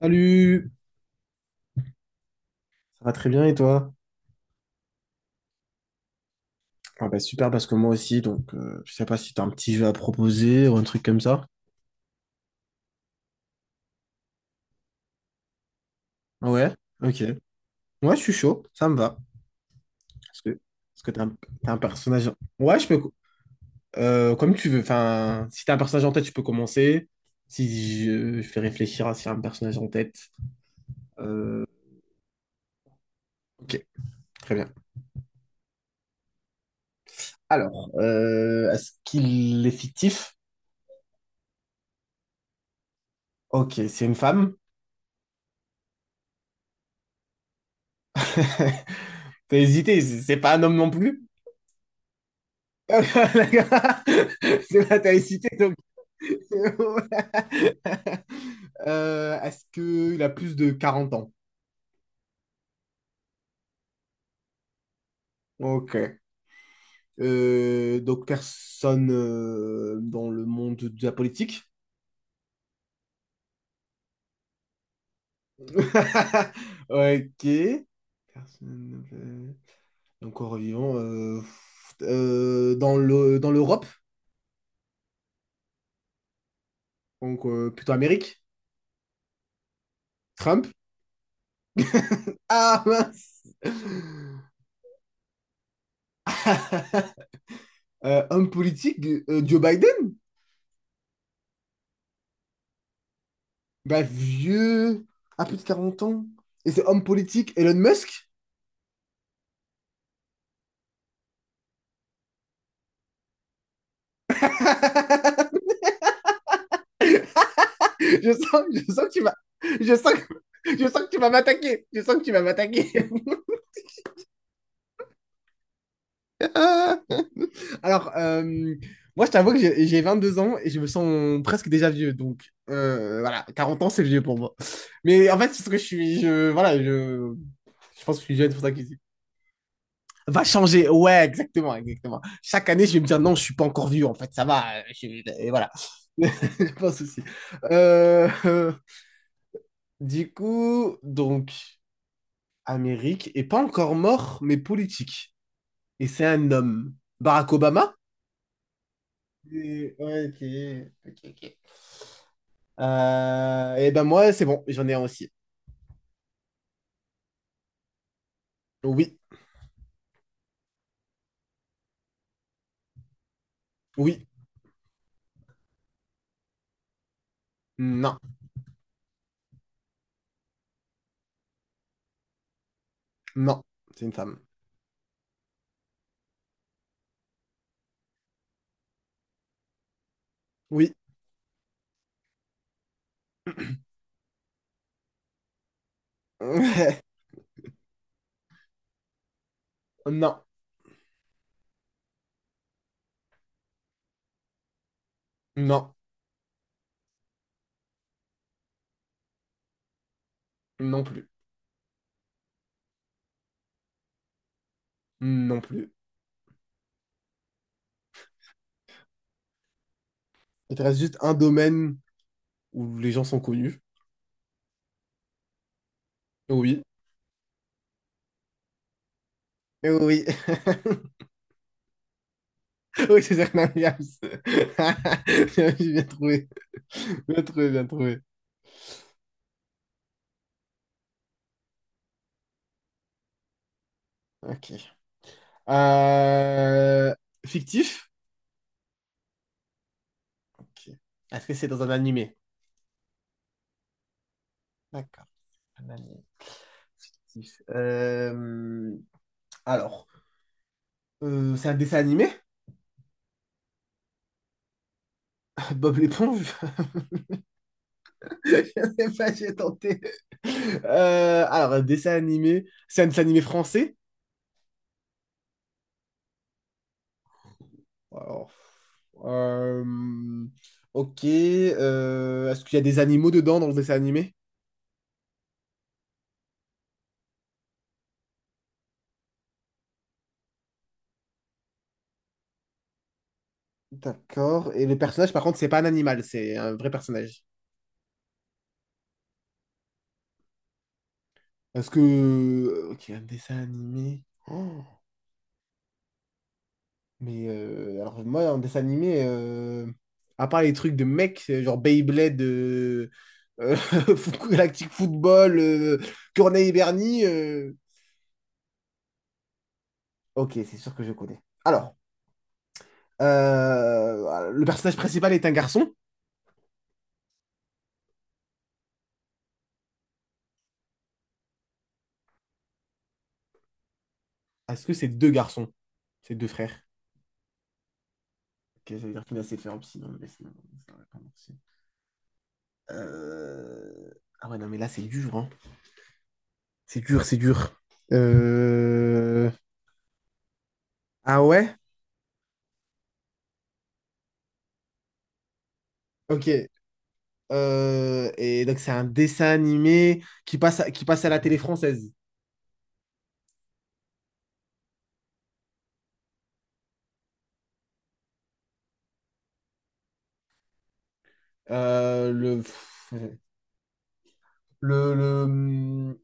Salut! Ça va très bien et toi? Ah bah super parce que moi aussi, donc je sais pas si t'as un petit jeu à proposer ou un truc comme ça. Ouais, ok. Ouais, je suis chaud, ça me va. Parce que, parce que t'as un personnage. Ouais, je peux. Comme tu veux. Enfin, si t'as un personnage en tête, je peux commencer. Si je fais réfléchir à si y a un personnage en tête. Euh, ok, très bien. Alors, est-ce qu'il est fictif? Ok, c'est une femme. T'as hésité, c'est pas un homme non plus? Ah, d'accord. C'est pas, t'avais cité donc. Est-ce qu'il a plus de 40 ans? Ok. Donc personne dans le monde de la politique. Ok. Personne. Donc en vivant. Dans le, dans l'Europe. Donc plutôt Amérique. Trump. Ah mince. Homme politique, Joe Biden? Bah, vieux, un petit 40 ans. Et c'est homme politique, Elon Musk? Je sens que tu vas. Je sens que... Je sens que tu vas m'attaquer. Je sens que tu vas m'attaquer. Alors, moi, je t'avoue que j'ai deux ans et je me sens presque déjà vieux. Donc, voilà, 40 ans, c'est vieux pour moi. Mais en fait, c'est ce que je suis. Je, voilà, je pense que je suis jeune, c'est pour ça que va changer. Ouais, exactement, exactement. Chaque année, je vais me dire non, je suis pas encore vieux, en fait, ça va. Je- Et voilà. Je pense aussi. Euh, euh, du coup, donc, Amérique est pas encore mort, mais politique. Et c'est un homme. Barack Obama? Et- ouais, ok, ok, ok. Et ben moi, c'est bon, j'en ai un aussi. Oui, oui, non, non, c'est une femme. Oui, non, non, non plus, non plus. Il te reste juste un domaine où les gens sont connus. Oui. Oui, oui, c'est Serena Williams. Bien bien trouvé. Bien trouvé, bien trouvé. Ok. Euh, Fictif? Ok. Est-ce que c'est dans un animé? D'accord, un animé fictif. Alors, c'est un dessin animé? Bob l'éponge? Je sais pas, j'ai tenté. Alors, un dessin animé. C'est un dessin animé français? Alors, euh, ok. Est-ce qu'il y a des animaux dedans dans le dessin animé? D'accord. Et le personnage, par contre, c'est pas un animal, c'est un vrai personnage. Est-ce que... Ok, un dessin animé. Oh, mais alors moi, un dessin animé, à part les trucs de mecs, genre Beyblade, euh, Galactic Football, Corneille et Bernie, ok, c'est sûr que je connais. Alors, le personnage principal est un garçon. À ce que ces deux garçons, ces deux frères, ok, ça veut dire qu'il a ses frères aussi, mais sinon, ça aurait pas marché. Euh, Ah ouais, non, mais là, c'est dur, hein. C'est dur, c'est dur. Euh, Ah ouais? Ok. Et donc, c'est un dessin animé qui passe à la télé française. Euh, le... le...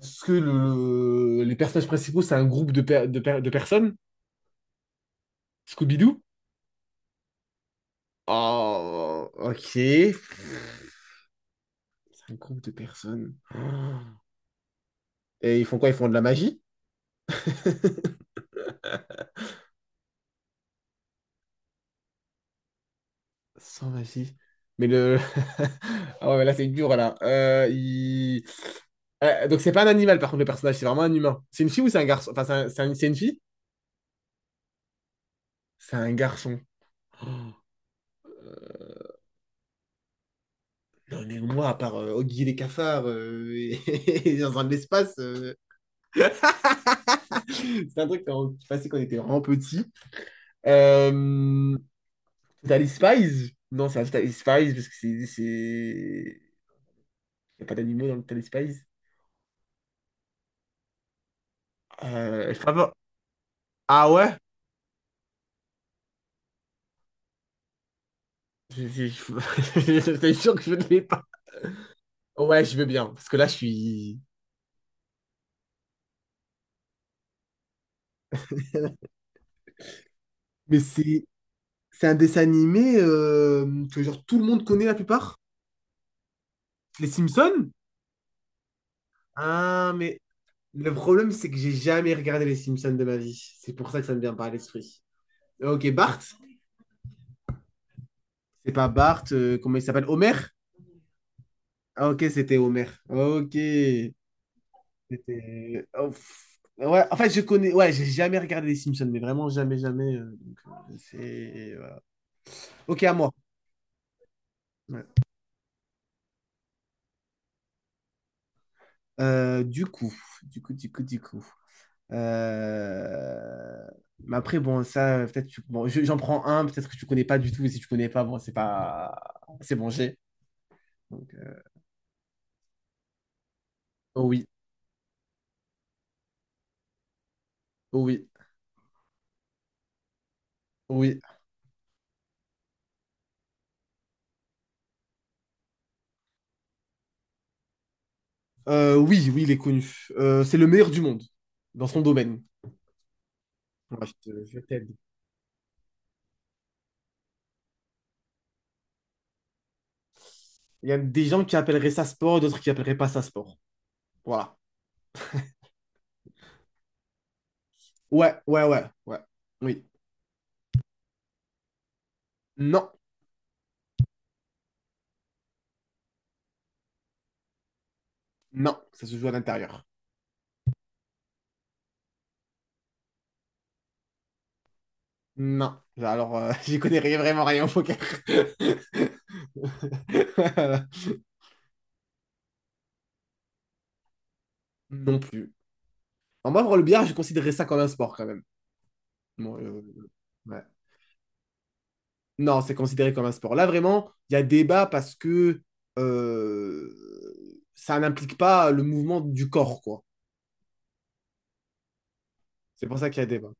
Est-ce que le... les personnages principaux, c'est un groupe de, per- de, per- de personnes? Scooby-Doo? Oh, ok. Un groupe de personnes. Oh. Et ils font quoi? Ils font de la magie? Sans magie. Mais le. Ah ouais, mais là, c'est dur, là. Il- Donc, c'est pas un animal, par contre, le personnage, c'est vraiment un humain. C'est une fille ou c'est un garçon? Enfin, c'est un- c'est un- c'est une fille? C'est un garçon. Oh. Non, mais moi, à part Oggy et les cafards et et dans un de l'espace, c'est un truc qu'on- qui passait quand on était vraiment petit. Euh... T'as les Spies? Non, c'est pas les Spies parce que c'est. C'est- Il n'y a pas d'animaux dans le Téléspace. Favor- Ah ouais? Je- J'étais sûr que je ne l'ai pas. Ouais, je veux bien, parce que là, je suis... mais c'est un dessin animé que genre tout le monde connaît la plupart. Les Simpsons? Ah, mais le problème, c'est que j'ai jamais regardé les Simpsons de ma vie. C'est pour ça que ça me vient pas à l'esprit. Ok, Bart? C'est pas Bart, comment il s'appelle? Homer? Ah ok, c'était Homer. Ok. C'était. Oh, pff. Ouais, en fait, je connais. Ouais, j'ai jamais regardé les Simpsons, mais vraiment jamais, jamais. Donc, c'est. Voilà. Ok, à moi. Ouais. Euh, du coup, du coup. Euh, Mais après, bon, ça, peut-être. Tu- Bon, je- j'en prends un, peut-être que tu connais pas du tout, et si tu connais pas, bon, c'est pas. C'est bon, j'ai. Donc, oh oui, oh oui, oh oui. Oui, oui, il est connu. C'est le meilleur du monde dans son domaine. Ouais, je te- je t'aide. Il y a des gens qui appelleraient ça sport, d'autres qui appelleraient pas ça sport. Voilà. Ouais, ouais, ouais, ouais. Oui. Non, non, ça se joue à l'intérieur. Non. Alors, j'y connais rien- vraiment rien au poker. Non plus. En moi, pour le billard, je considérais ça comme un sport quand même. Bon, ouais. Non, c'est considéré comme un sport. Là, vraiment, il y a débat parce que ça n'implique pas le mouvement du corps, quoi. C'est pour ça qu'il y a débat.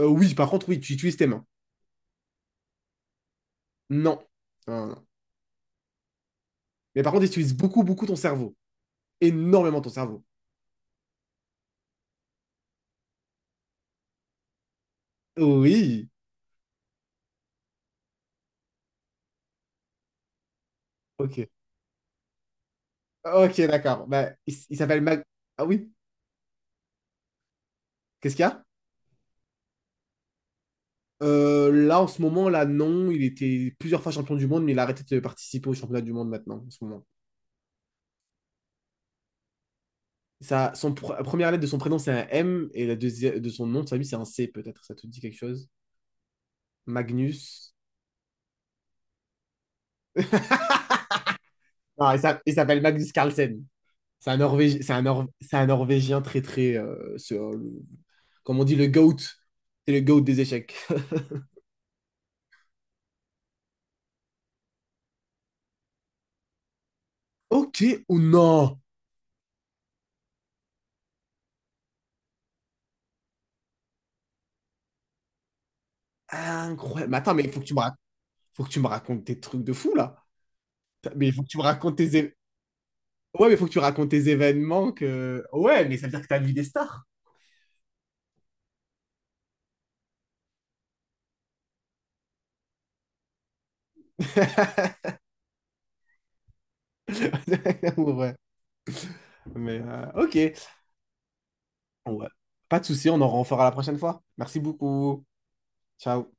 Oui, par contre, oui, tu utilises tes mains. Non. Non, non. Mais par contre, tu utilises beaucoup, beaucoup ton cerveau. Énormément ton cerveau. Oui. Ok. Ok, d'accord. Bah, il s- il s'appelle Mag... Ah oui? Qu'est-ce qu'il y a? Là, en ce moment, là, non. Il était plusieurs fois champion du monde, mais il a arrêté de participer au championnat du monde maintenant, en ce moment. Ça, son pr- la première lettre de son prénom, c'est un M, et la deuxième de son nom, de sa vie, c'est un C, peut-être. Ça te dit quelque chose? Magnus. Non, il s'a- il s'appelle Magnus Carlsen. C'est un, Norvég... c'est un, Nor- c'est un Norvégien très, très... ce- le- Comme on dit, le GOAT. C'est le GOAT des échecs. Ok, ou non? Incroyable. Mais attends, mais il faut que tu me rac- faut que tu me racontes tes trucs de fou là. T'as- Mais il faut que tu me racontes tes é- Ouais, mais il faut que tu racontes tes événements que ouais, mais ça veut dire que t'as vu des stars. Ouais. Mais OK. Ouais. Pas de souci, on en refera la prochaine fois. Merci beaucoup. Ciao.